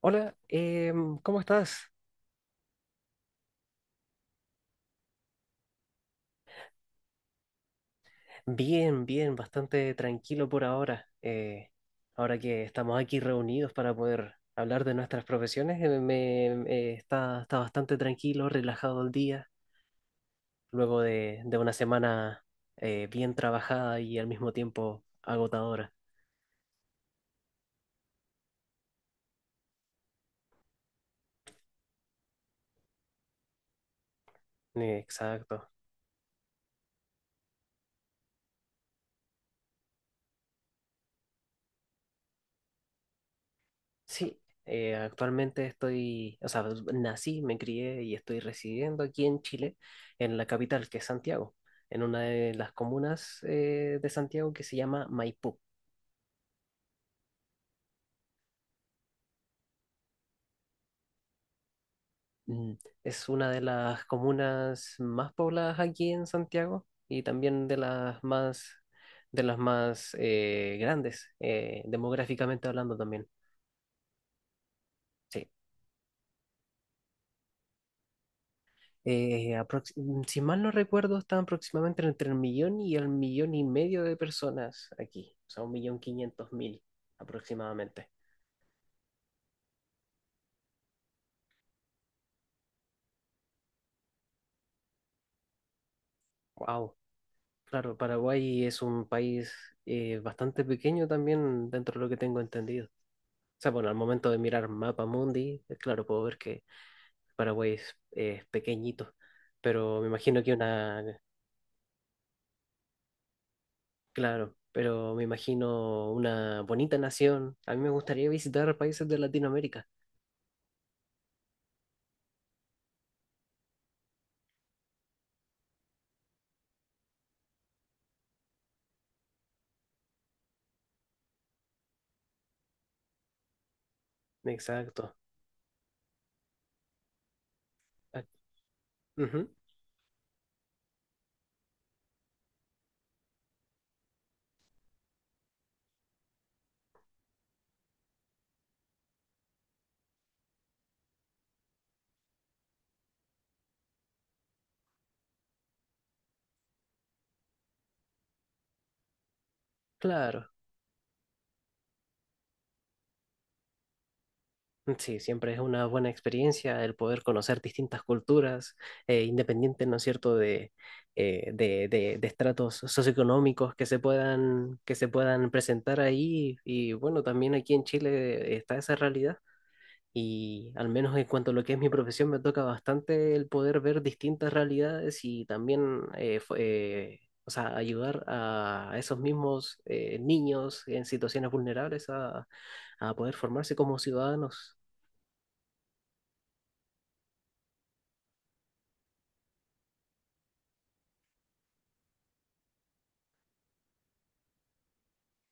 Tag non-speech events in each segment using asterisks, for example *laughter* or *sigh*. Hola, ¿cómo estás? Bien, bien, bastante tranquilo por ahora. Ahora que estamos aquí reunidos para poder hablar de nuestras profesiones, está bastante tranquilo, relajado el día, luego de una semana bien trabajada y al mismo tiempo agotadora. Exacto. Sí, actualmente estoy, o sea, nací, me crié y estoy residiendo aquí en Chile, en la capital, que es Santiago, en una de las comunas de Santiago que se llama Maipú. Mm. Es una de las comunas más pobladas aquí en Santiago y también de las más grandes, demográficamente hablando también. Sí. eh, aprox- si mal no recuerdo, estaban aproximadamente entre el millón y medio de personas aquí, o sea, 1.500.000 aproximadamente. Wow. Claro, Paraguay es un país bastante pequeño también dentro de lo que tengo entendido. O sea, bueno, al momento de mirar Mapa Mundi, claro, puedo ver que Paraguay es pequeñito, pero me imagino que una, claro, pero me imagino una bonita nación. A mí me gustaría visitar países de Latinoamérica. Exacto. Ujú. Claro, sí, siempre es una buena experiencia el poder conocer distintas culturas, independiente, ¿no es cierto?, de estratos socioeconómicos que se puedan presentar ahí. Y bueno, también aquí en Chile está esa realidad. Y al menos en cuanto a lo que es mi profesión, me toca bastante el poder ver distintas realidades y también o sea, ayudar a esos mismos niños en situaciones vulnerables a poder formarse como ciudadanos.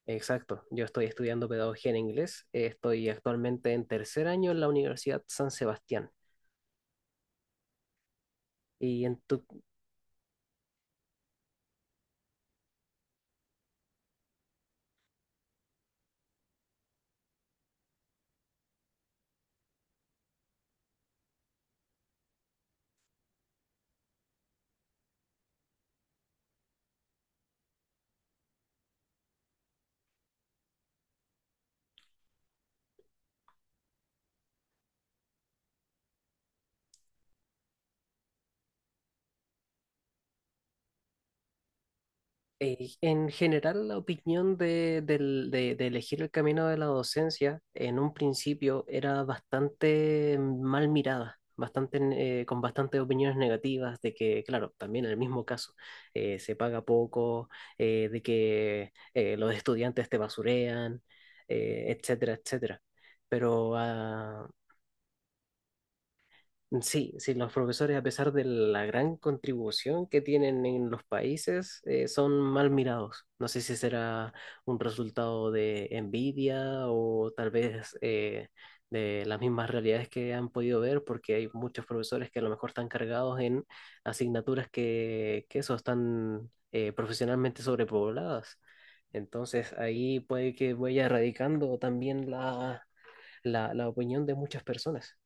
Exacto, yo estoy estudiando pedagogía en inglés, estoy actualmente en tercer año en la Universidad San Sebastián. Y en tu en general, la opinión de elegir el camino de la docencia en un principio era bastante mal mirada, bastante, con bastantes opiniones negativas de que, claro, también en el mismo caso, se paga poco, de que los estudiantes te basurean, etcétera, etcétera. Pero mm, sí, sí, los profesores, a pesar de la gran contribución que tienen en los países, son mal mirados. No sé si será un resultado de envidia o tal vez de las mismas realidades que han podido ver, porque hay muchos profesores que a lo mejor están cargados en asignaturas que eso, están profesionalmente sobrepobladas. Entonces ahí puede que vaya erradicando también la opinión de muchas personas.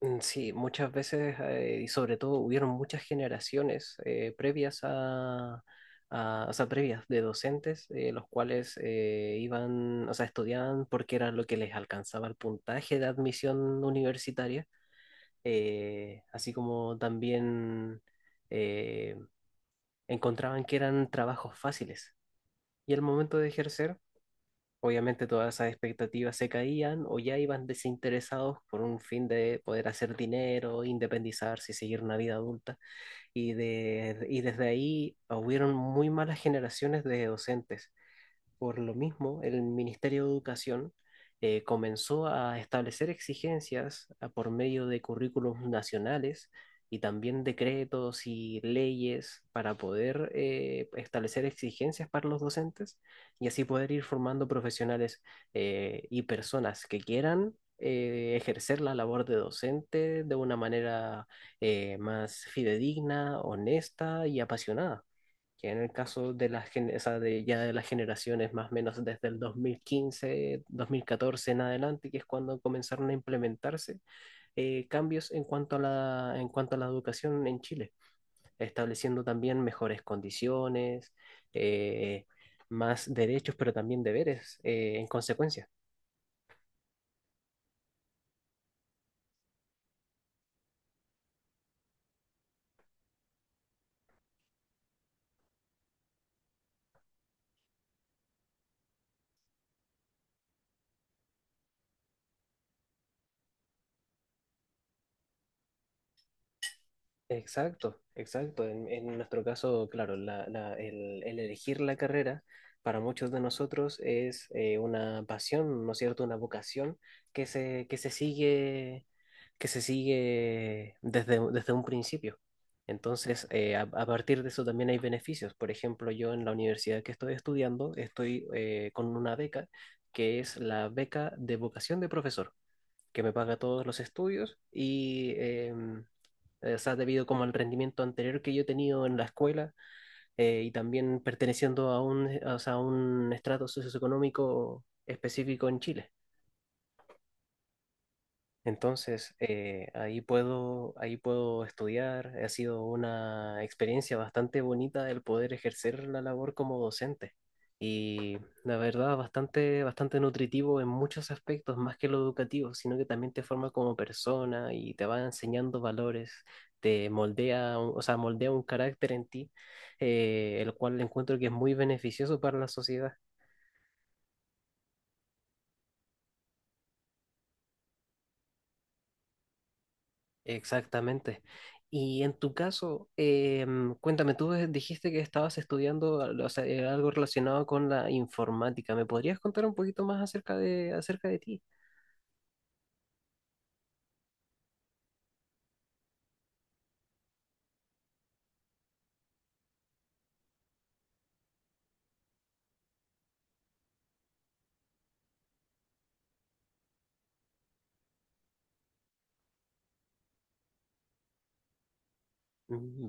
Mm, sí, muchas veces y sobre todo hubieron muchas generaciones previas o sea, previas de docentes, los cuales iban, o sea, estudiaban porque era lo que les alcanzaba el puntaje de admisión universitaria, así como también eh, encontraban que eran trabajos fáciles. Y al momento de ejercer, obviamente todas esas expectativas se caían o ya iban desinteresados por un fin de poder hacer dinero, independizarse y seguir una vida adulta. Y desde ahí hubieron muy malas generaciones de docentes. Por lo mismo, el Ministerio de Educación comenzó a establecer exigencias por medio de currículos nacionales y también decretos y leyes para poder establecer exigencias para los docentes y así poder ir formando profesionales y personas que quieran ejercer la labor de docente de una manera más fidedigna, honesta y apasionada que en el caso de las o sea, de ya de las generaciones más o menos desde el 2015, 2014 en adelante, que es cuando comenzaron a implementarse cambios en cuanto a la educación en Chile, estableciendo también mejores condiciones, eh, más derechos, pero también deberes en consecuencia. Exacto, exacto. En nuestro caso, claro, el elegir la carrera para muchos de nosotros es una pasión, ¿no es cierto? Una vocación que se, que se sigue, que se sigue desde un principio. Entonces, a partir de eso también hay beneficios. Por ejemplo, yo en la universidad que estoy estudiando estoy con una beca que es la beca de vocación de profesor que me paga todos los estudios y o sea, debido como al rendimiento anterior que yo he tenido en la escuela y también perteneciendo a un, o sea, a un estrato socioeconómico específico en Chile. Entonces, ahí puedo estudiar. Ha sido una experiencia bastante bonita el poder ejercer la labor como docente. Y la verdad, bastante, bastante nutritivo en muchos aspectos, más que lo educativo, sino que también te forma como persona y te va enseñando valores, te moldea, o sea, moldea un carácter en ti, el cual encuentro que es muy beneficioso para la sociedad. Exactamente. Y en tu caso, cuéntame, tú dijiste que estabas estudiando o sea, algo relacionado con la informática. ¿Me podrías contar un poquito más acerca de ti? Mm,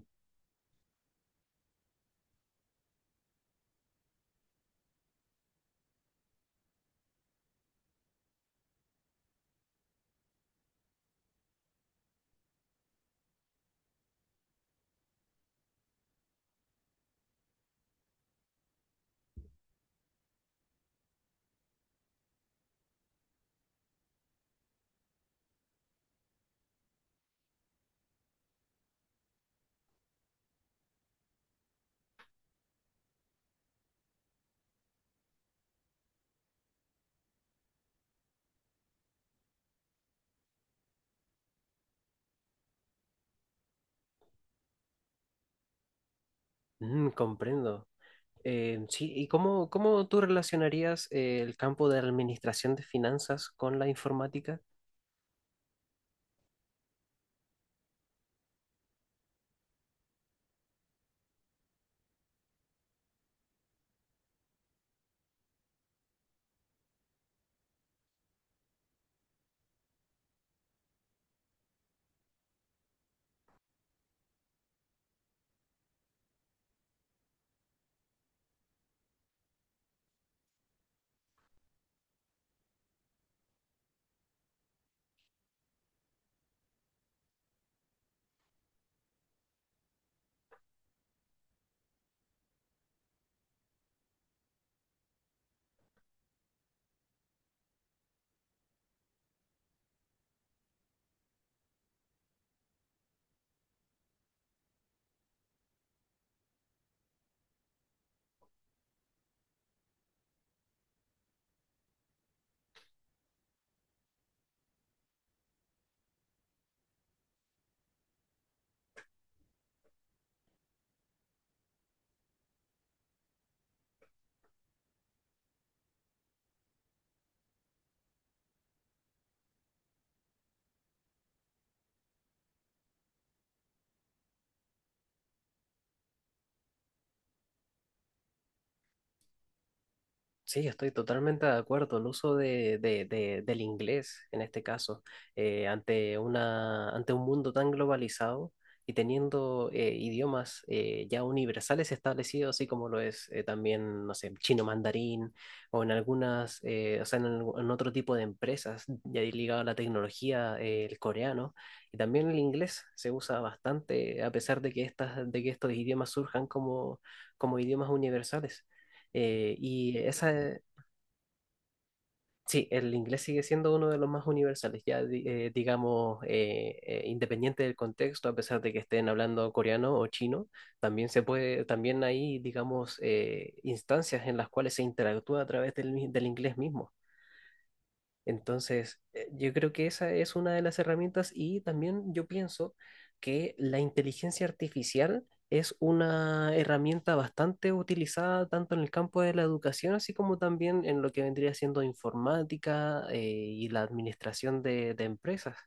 mm. Comprendo. Sí, ¿y cómo tú relacionarías el campo de administración de finanzas con la informática? Sí, estoy totalmente de acuerdo. El uso del inglés, en este caso, ante un mundo tan globalizado y teniendo idiomas ya universales establecidos, así como lo es también, no sé, chino mandarín o o sea, en otro tipo de empresas ya ligado a la tecnología, el coreano y también el inglés se usa bastante, a pesar de que estos idiomas surjan como idiomas universales. Eh, y esa, Sí, el inglés sigue siendo uno de los más universales, ya digamos, independiente del contexto, a pesar de que estén hablando coreano o chino, también hay, digamos, instancias en las cuales se interactúa a través del inglés mismo. Entonces, yo creo que esa es una de las herramientas y también yo pienso que la inteligencia artificial es una herramienta bastante utilizada tanto en el campo de la educación, así como también en lo que vendría siendo informática, y la administración de empresas.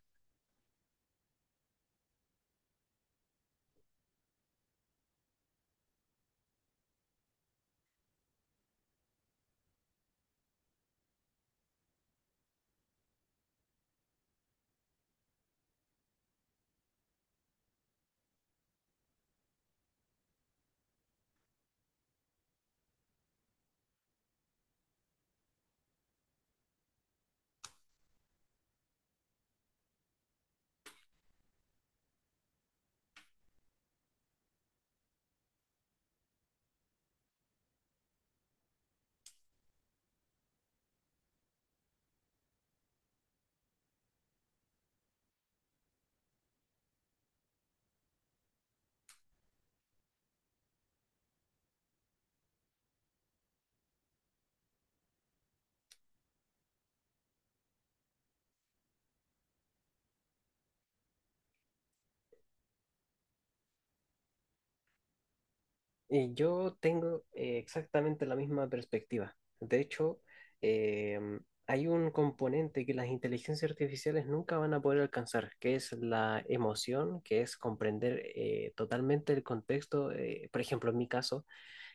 Yo tengo exactamente la misma perspectiva. De hecho, eh, hay un componente que las inteligencias artificiales nunca van a poder alcanzar, que es la emoción, que es comprender totalmente el contexto, por ejemplo, en mi caso,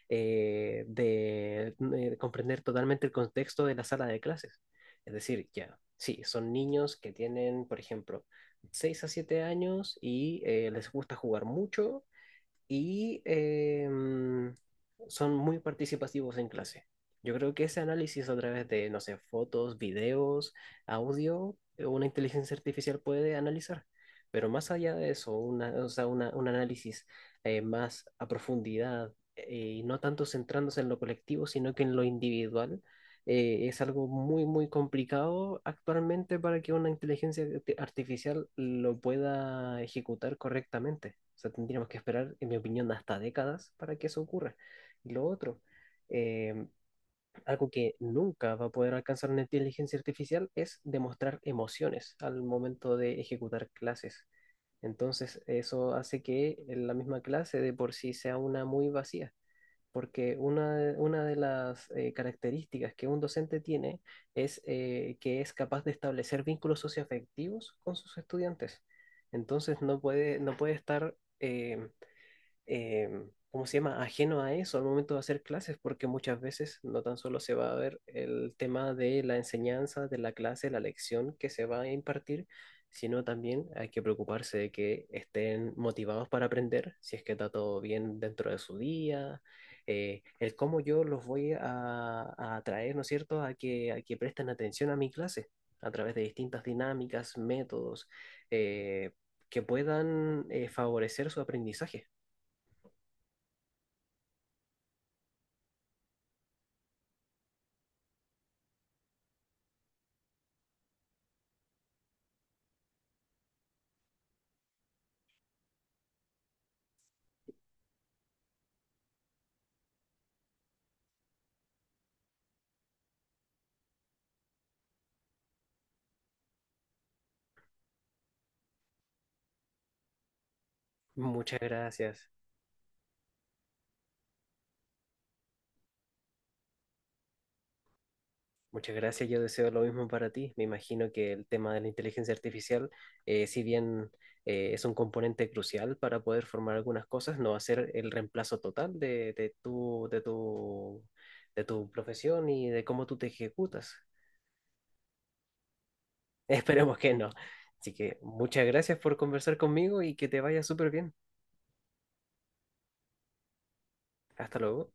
eh, de, comprender totalmente el contexto de la sala de clases. Es decir, ya, sí, son niños que tienen, por ejemplo, 6 a 7 años y les gusta jugar mucho y son muy participativos en clase. Yo creo que ese análisis a través de, no sé, fotos, videos, audio, una inteligencia artificial puede analizar. Pero más allá de eso, o sea, un análisis más a profundidad y no tanto centrándose en lo colectivo, sino que en lo individual, es algo muy, muy complicado actualmente para que una inteligencia artificial lo pueda ejecutar correctamente. O sea, tendríamos que esperar, en mi opinión, hasta décadas para que eso ocurra. Y lo otro, eh, algo que nunca va a poder alcanzar una inteligencia artificial es demostrar emociones al momento de ejecutar clases. Entonces, eso hace que la misma clase de por sí sea una muy vacía porque una de las características que un docente tiene es que es capaz de establecer vínculos socioafectivos con sus estudiantes. Entonces no puede estar eh, ¿cómo se llama?, ajeno a eso al momento de hacer clases, porque muchas veces no tan solo se va a ver el tema de la enseñanza, de la clase, la lección que se va a impartir, sino también hay que preocuparse de que estén motivados para aprender, si es que está todo bien dentro de su día, el cómo yo los voy a atraer, ¿no es cierto?, a que presten atención a mi clase a través de distintas dinámicas, métodos, eh, que puedan favorecer su aprendizaje. Muchas gracias. Muchas gracias. Yo deseo lo mismo para ti. Me imagino que el tema de la inteligencia artificial, si bien es un componente crucial para poder formar algunas cosas, no va a ser el reemplazo total de tu profesión y de cómo tú te ejecutas. *laughs* Esperemos que no. Así que muchas gracias por conversar conmigo y que te vaya súper bien. Hasta luego.